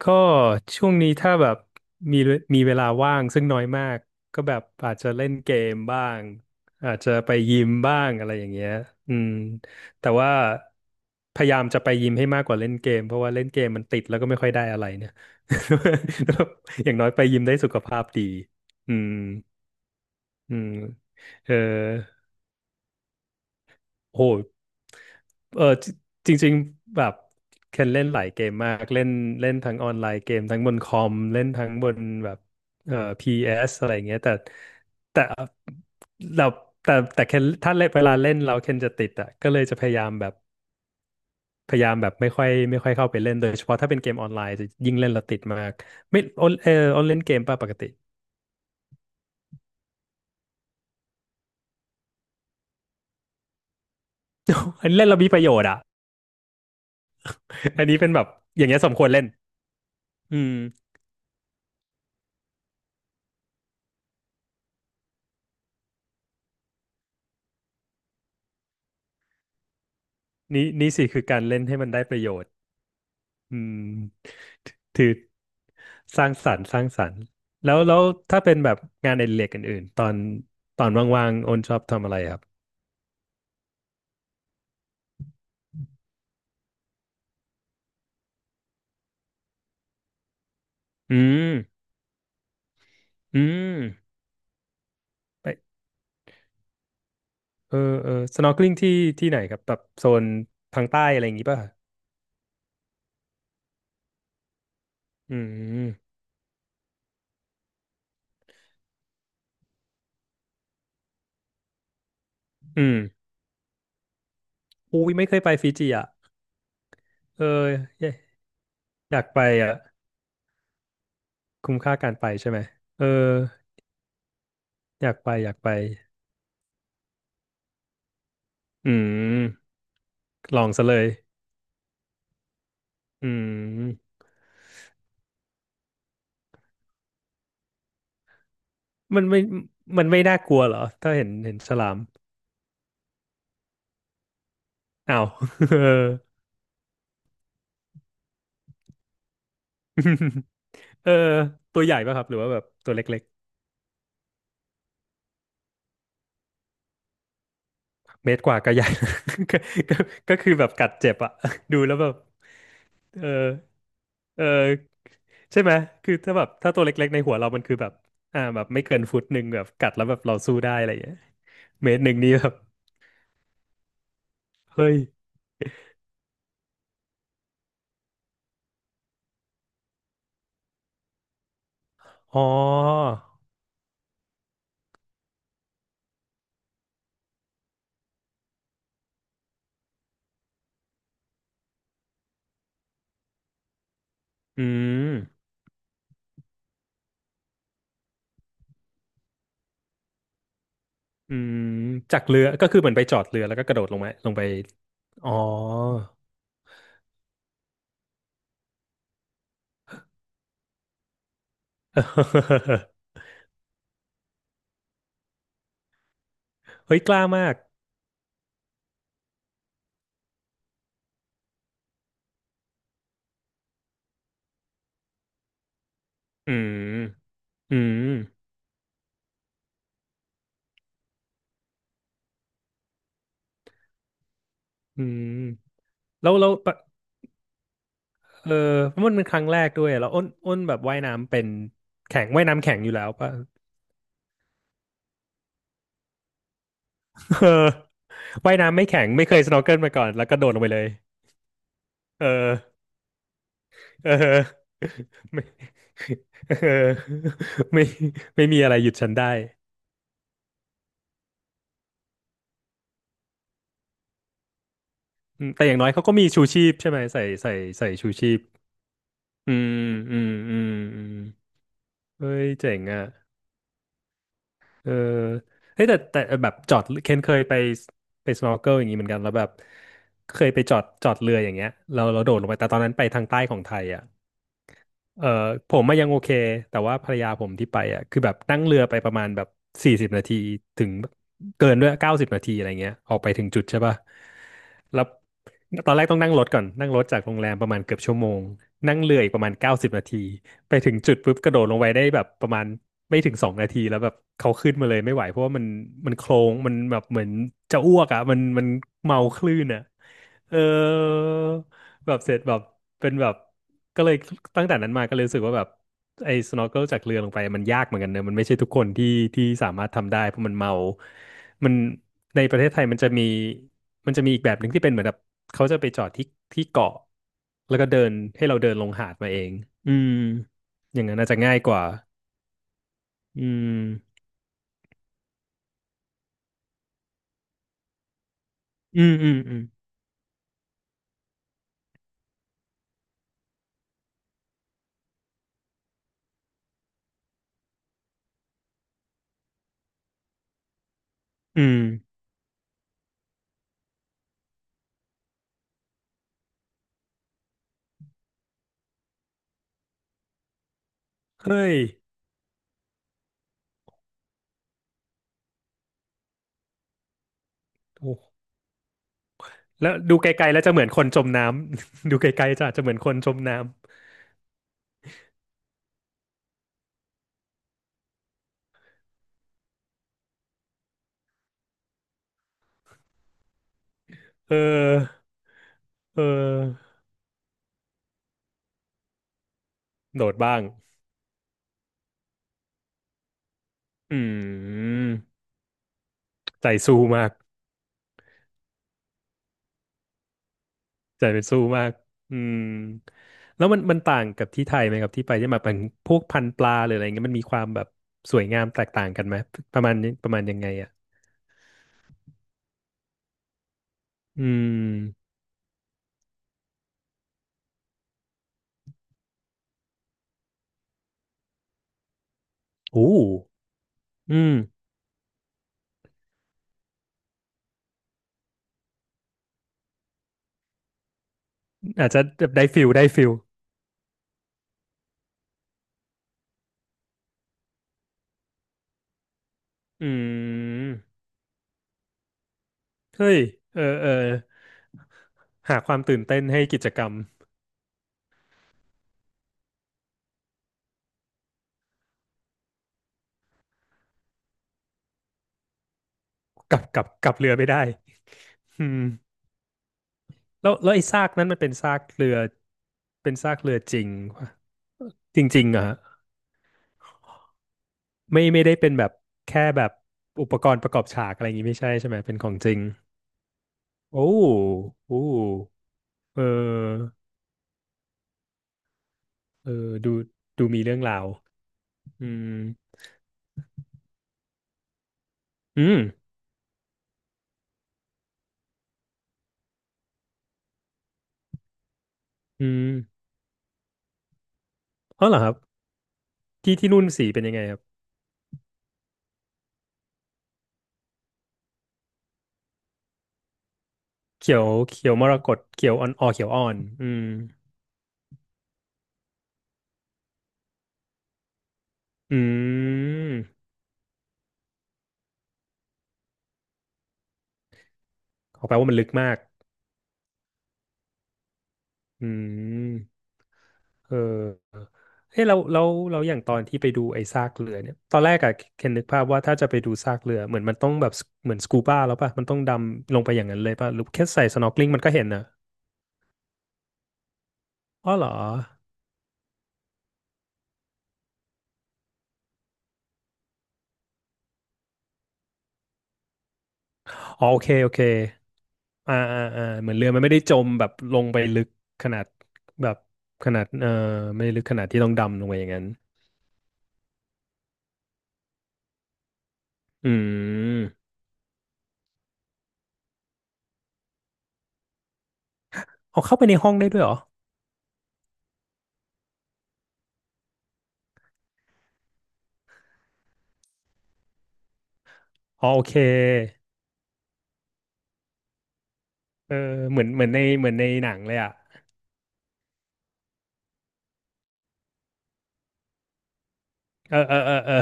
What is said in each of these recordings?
ก็ช่วงนี้ถ้าแบบมีมีเวลาว่างซึ่งน้อยมากก็แบบอาจจะเล่นเกมบ้างอาจจะไปยิมบ้างอะไรอย่างเงี้ยอืมแต่ว่าพยายามจะไปยิมให้มากกว่าเล่นเกมเพราะว่าเล่นเกมมันติดแล้วก็ไม่ค่อยได้อะไรเนี่ย อย่างน้อยไปยิมได้สุขภาพดีอืมอืมเออ โอ้โหเออจจริงๆแบบเคนเล่นหลายเกมมากเล่นเล่นทั้งออนไลน์เกมทั้งบนคอมเล่นทั้งบนแบบพีเอสอะไรอย่างเงี้ยแต่เราแต่เคนถ้าเล่นเวลาเล่นเราเคนจะติดอ่ะก็เลยจะพยายามแบบพยายามแบบไม่ค่อยเข้าไปเล่นโดยเฉพาะถ้าเป็นเกมออนไลน์จะยิ่งเล่นเราติดมากไม่ออนออนเล่นเกมป่ะปกติอันนเล่นเรามีประโยชน์อ่ะอันนี้เป็นแบบอย่างเงี้ยสมควรเล่นอืมนี่สิคือการเล่นให้มันได้ประโยชน์ อืมถือสร้างสรรค์แล้วถ้าเป็นแบบงานอดิเรกอื่นๆตอนว่างๆโอนชอบทำอะไรครับอืมอืมไปเออเออ snorkeling ที่ที่ไหนครับแบบโซนทางใต้อะไรอย่างงี้ป่ะอืมอืมอุ้ยไม่เคยไปฟิจิอ่ะเอออยากอยากไปอ่ะคุ้มค่าการไปใช่ไหมเอออยากไปอยากไปอืมลองซะเลยอืม มันไม่น่ากลัวเหรอถ้าเห็นฉลามอ้าว เออเออตัวใหญ่ป่ะครับหรือว่าแบบตัวเล็กๆเมตรกว่าก็ใหญ่ ก็ก็ก็คือแบบกัดเจ็บอะ ดูแล้วแบบเออเออใช่ไหมคือถ้าแบบถ้าตัวเล็กๆในหัวเรามันคือแบบแบบไม่เกิน1 ฟุตแบบกัดแล้วแบบเราสู้ได้อะไรอย่างเงี้ย1 เมตรนี่แบบเฮ้ยอ๋ออืมอืมจากเรือก็คือเหมือนไปจอดเรือแล้วก็กระโดดลงมาลงไปอ๋อ เฮ้ยกล้ามากอืมอืมอืมแล้วปะเออเพราะมันเป็นครั้งแรกด้วยแล้วอ้นแบบว่ายน้ำเป็นแข็งว่ายน้ำแข็งอยู่แล้วป่ะ เออว่ายน้ำไม่แข็งไม่เคยสโนว์เกิลมาก่อนแล้วก็โดดลงไปเลยเออเออไม่ เออไม่ไม่มีอะไรหยุดฉันได้อืมแต่อย่างน้อยเขาก็มีชูชีพใช่ไหมใส่ชูชีพอืมอืมอืมอืมเฮ้ยเจ๋งอ่ะ เออเฮ้ยแต่แบบจอดเคนเคยไปสโนว์เกิลอย่างนี้เหมือนกันแล้วแบบเคยไปจอดเรืออย่างเงี้ยเราโดดลงไปแต่ตอนนั้นไปทางใต้ของไทยอ่ะ เอ่อผมมายังโอเคแต่ว่าภรรยาผมที่ไปอ่ะคือแบบนั่งเรือไปประมาณแบบ40 นาทีถึงเกินด้วยเก้าสิบนาทีอะไรเงี้ยออกไปถึงจุดใช่ป่ะแล้วตอนแรกต้องนั่งรถก่อนนั่งรถจากโรงแรมประมาณเกือบชั่วโมงนั่งเรืออีกประมาณเก้าสิบนาทีไปถึงจุดปุ๊บกระโดดลงไปได้แบบประมาณไม่ถึง2 นาทีแล้วแบบเขาขึ้นมาเลยไม่ไหวเพราะว่ามันโคลงมันแบบเหมือนจะอ้วกอ่ะมันเมาคลื่นอ่ะเออ แบบเสร็จแบบเป็นแบบก็เลยตั้งแต่นั้นมาก็เลยรู้สึกว่าแบบไอ้ snorkel จากเรือลงไปมันยากเหมือนกันเนอะมันไม่ใช่ทุกคนที่สามารถทำได้เพราะมันเมามันในประเทศไทยมันจะมีอีกแบบหนึ่งที่เป็นเหมือนแบบเขาจะไปจอดที่เกาะแล้วก็เดินให้เราเดินลงหาดมาเองอืมอย่างนั้นอาจจะง่ายกว่าอืมอืมอืมอืมอืมเฮ้ยโอ้แล้วดูไกลๆแล้วจะเหมือนคนจมน้ำ ดูไกลๆจะอาจจะเหมือนคนจมน้ำเออ เออโดดบ้างอืมใจสู้มากใจเป็นสู้มากอืมแล้วมันต่างกับที่ไทยไหมครับที่ไปที่มาเป็นพวกพันธุ์ปลาหรืออะไรเงี้ยมันมีความแบบสวยงามแตกต่างกันไหมประมาณนี้ประมาณยังไงอ่ะอืมโอ้อืมอาจจะแบบได้ฟิลอืมเฮ้ยเออเออหาความตื่นเต้นให้กิจกรรมกับเรือไม่ได้อืมแล้วไอ้ซากนั้นมันเป็นซากเรือเป็นซากเรือจริง จริงๆอะไม่ไม่ได้เป็นแบบแค่แบบอุปกรณ์ประกอบฉากอะไรอย่างงี้ไม่ใช่ใช่ไหมเป็นของจริงโอ้โอ้เออเออดูดูมีเรื่องราวอืมอืมอืมอ๋อเหรอครับที่นู่นสีเป็นยังไงครับเขียวมรกตเขียวอ่อนอ๋อเขียวอ่อนอืมอืมขอแปลว่ามันลึกมากอืม เออเฮ้ยเราอย่างตอนที่ไปดูไอ้ซากเรือเนี่ยตอนแรกอะเคนนึกภาพว่าถ้าจะไปดูซากเรือเหมือนมันต้องแบบเหมือนสกูบ้าแล้วป่ะมันต้องดำลงไปอย่างนั้นเลยป่ะหรือแค่ใส่สน็อกลิงมันก็เห็นนะอ๋อเหรออ๋อโอเคโอเคเหมือนเรือมันไม่ได้จมแบบลงไปลึกขนาดแบบขนาดไม่ได้ลึกขนาดที่ต้องดำลงไปอย่างนั้นอืมเอาเข้าไปในห้องได้ด้วยเหรออ๋อโอเคเออเหมือนในเหมือนในหนังเลยอ่ะเออ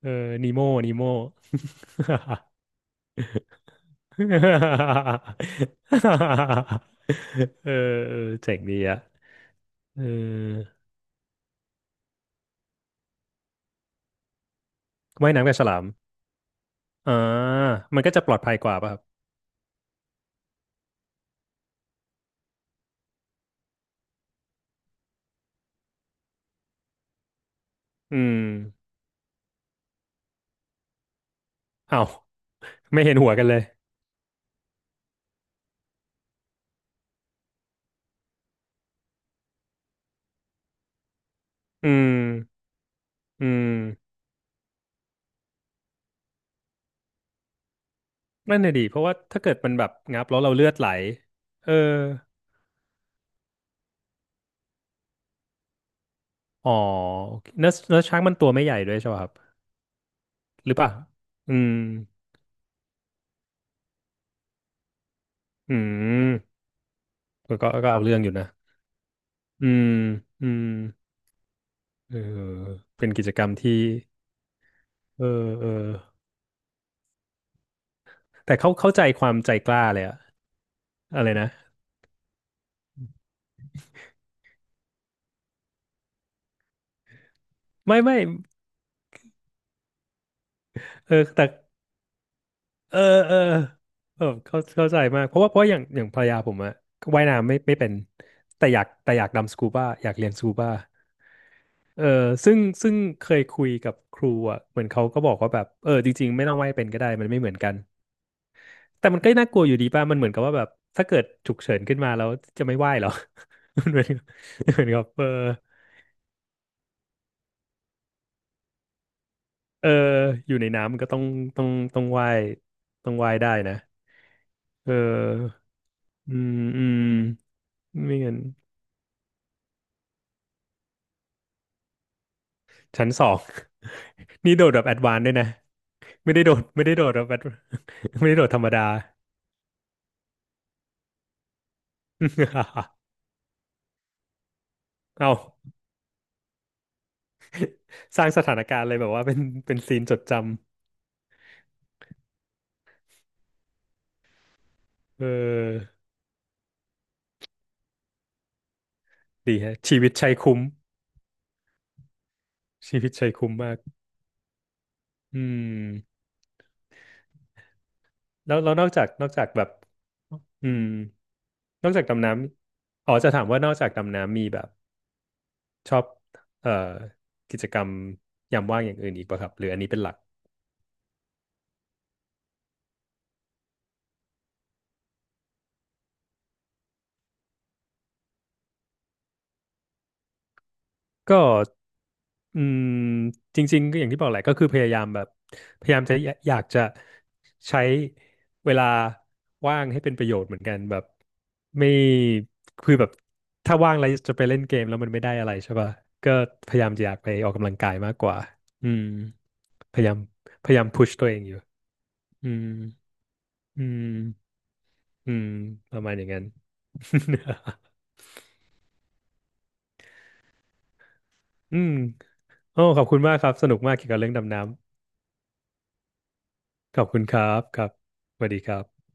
เออนีโมนีโม เออเออเจ๋งดีอะเออว่ายน้ำกับฉลามอ่ามันก็จะปลอดภัยกว่าป่ะครับ อืมอ้าวไม่เห็นหัวกันเลย อืมอืมนั่นน่ะดี เพราะว่าถ้าเกิดมันแบบงับแล้วเราเลือดไหลเอออ๋อโอเคเนื้อช้างมันตัวไม่ใหญ่ด้วยใช่ป่ะครับ หรือเปล่าอืม อืมก็เอาเรื่องอยู่นะ อืมอืม เออเป็นกิจกรรมที่เออเออแต่เขาเข้าใจความใจกล้าเลยอะอะไรนะไม่ไม่เออแต่เออเออเออเข้าใจมากเพราะว่าเพราะอย่างภรรยาผมอะว่ายน้ำไม่เป็นแต่อยากดำสกูบ้าอยากเรียนสกูบ้าเออซึ่งเคยคุยกับครูอะเหมือนเขาก็บอกว่าแบบเออจริงๆไม่ต้องว่ายเป็นก็ได้มันไม่เหมือนกันแต่มันก็น่ากลัวอยู่ดีป่ะมันเหมือนกับว่าแบบถ้าเกิดฉุกเฉินขึ้นมาแล้วจะไม่ว่ายเหรอ มันเหมือนกับเหมือนกับเออ เอออยู่ในน้ำมันก็ต้องต้องต้องว่ายต้องว่ายได้นะเอออืมอืมไม่งั้นชั้นสอง นี่โดดแบบแอดวานซ์ด้วยนะไม่ได้โดดไม่ได้โดดแบบ advance ไม่ได้โดดธรรมดา เอาสร้างสถานการณ์เลยแบบว่าเป็นเป็นซีนจดจำเออดีฮะชีวิตชัยคุ้มชีวิตชัยคุ้มมากอืมแล้วนอกจากแบบอืมนอกจากดำน้ำอ๋อจะถามว่านอกจากดำน้ำมีแบบ ชอบเอ่อกิจกรรมยามว่างอย่างอื่นอีกป่ะครับหรืออันนี้เป็นหลักก็อืมจริงๆก็อย่างที่บอกแหละก็คือพยายามแบบพยายามจะอยอยากจะใช้เวลาว่างให้เป็นประโยชน์เหมือนกันแบบไม่คือแบบถ้าว่างแล้วจะไปเล่นเกมแล้วมันไม่ได้อะไรใช่ป่ะก็พยายามจะอยากไปออกกำลังกายมากกว่าอืมพยายามพยายามพุชตัวเองอยู่อืมอืมอืมประมาณอย่างนั้น อืม โอ้ขอบคุณมากครับสนุกมากเกี่ยวกับเรื่องดำน้ำขอบคุณครับครับสวัสดีครับ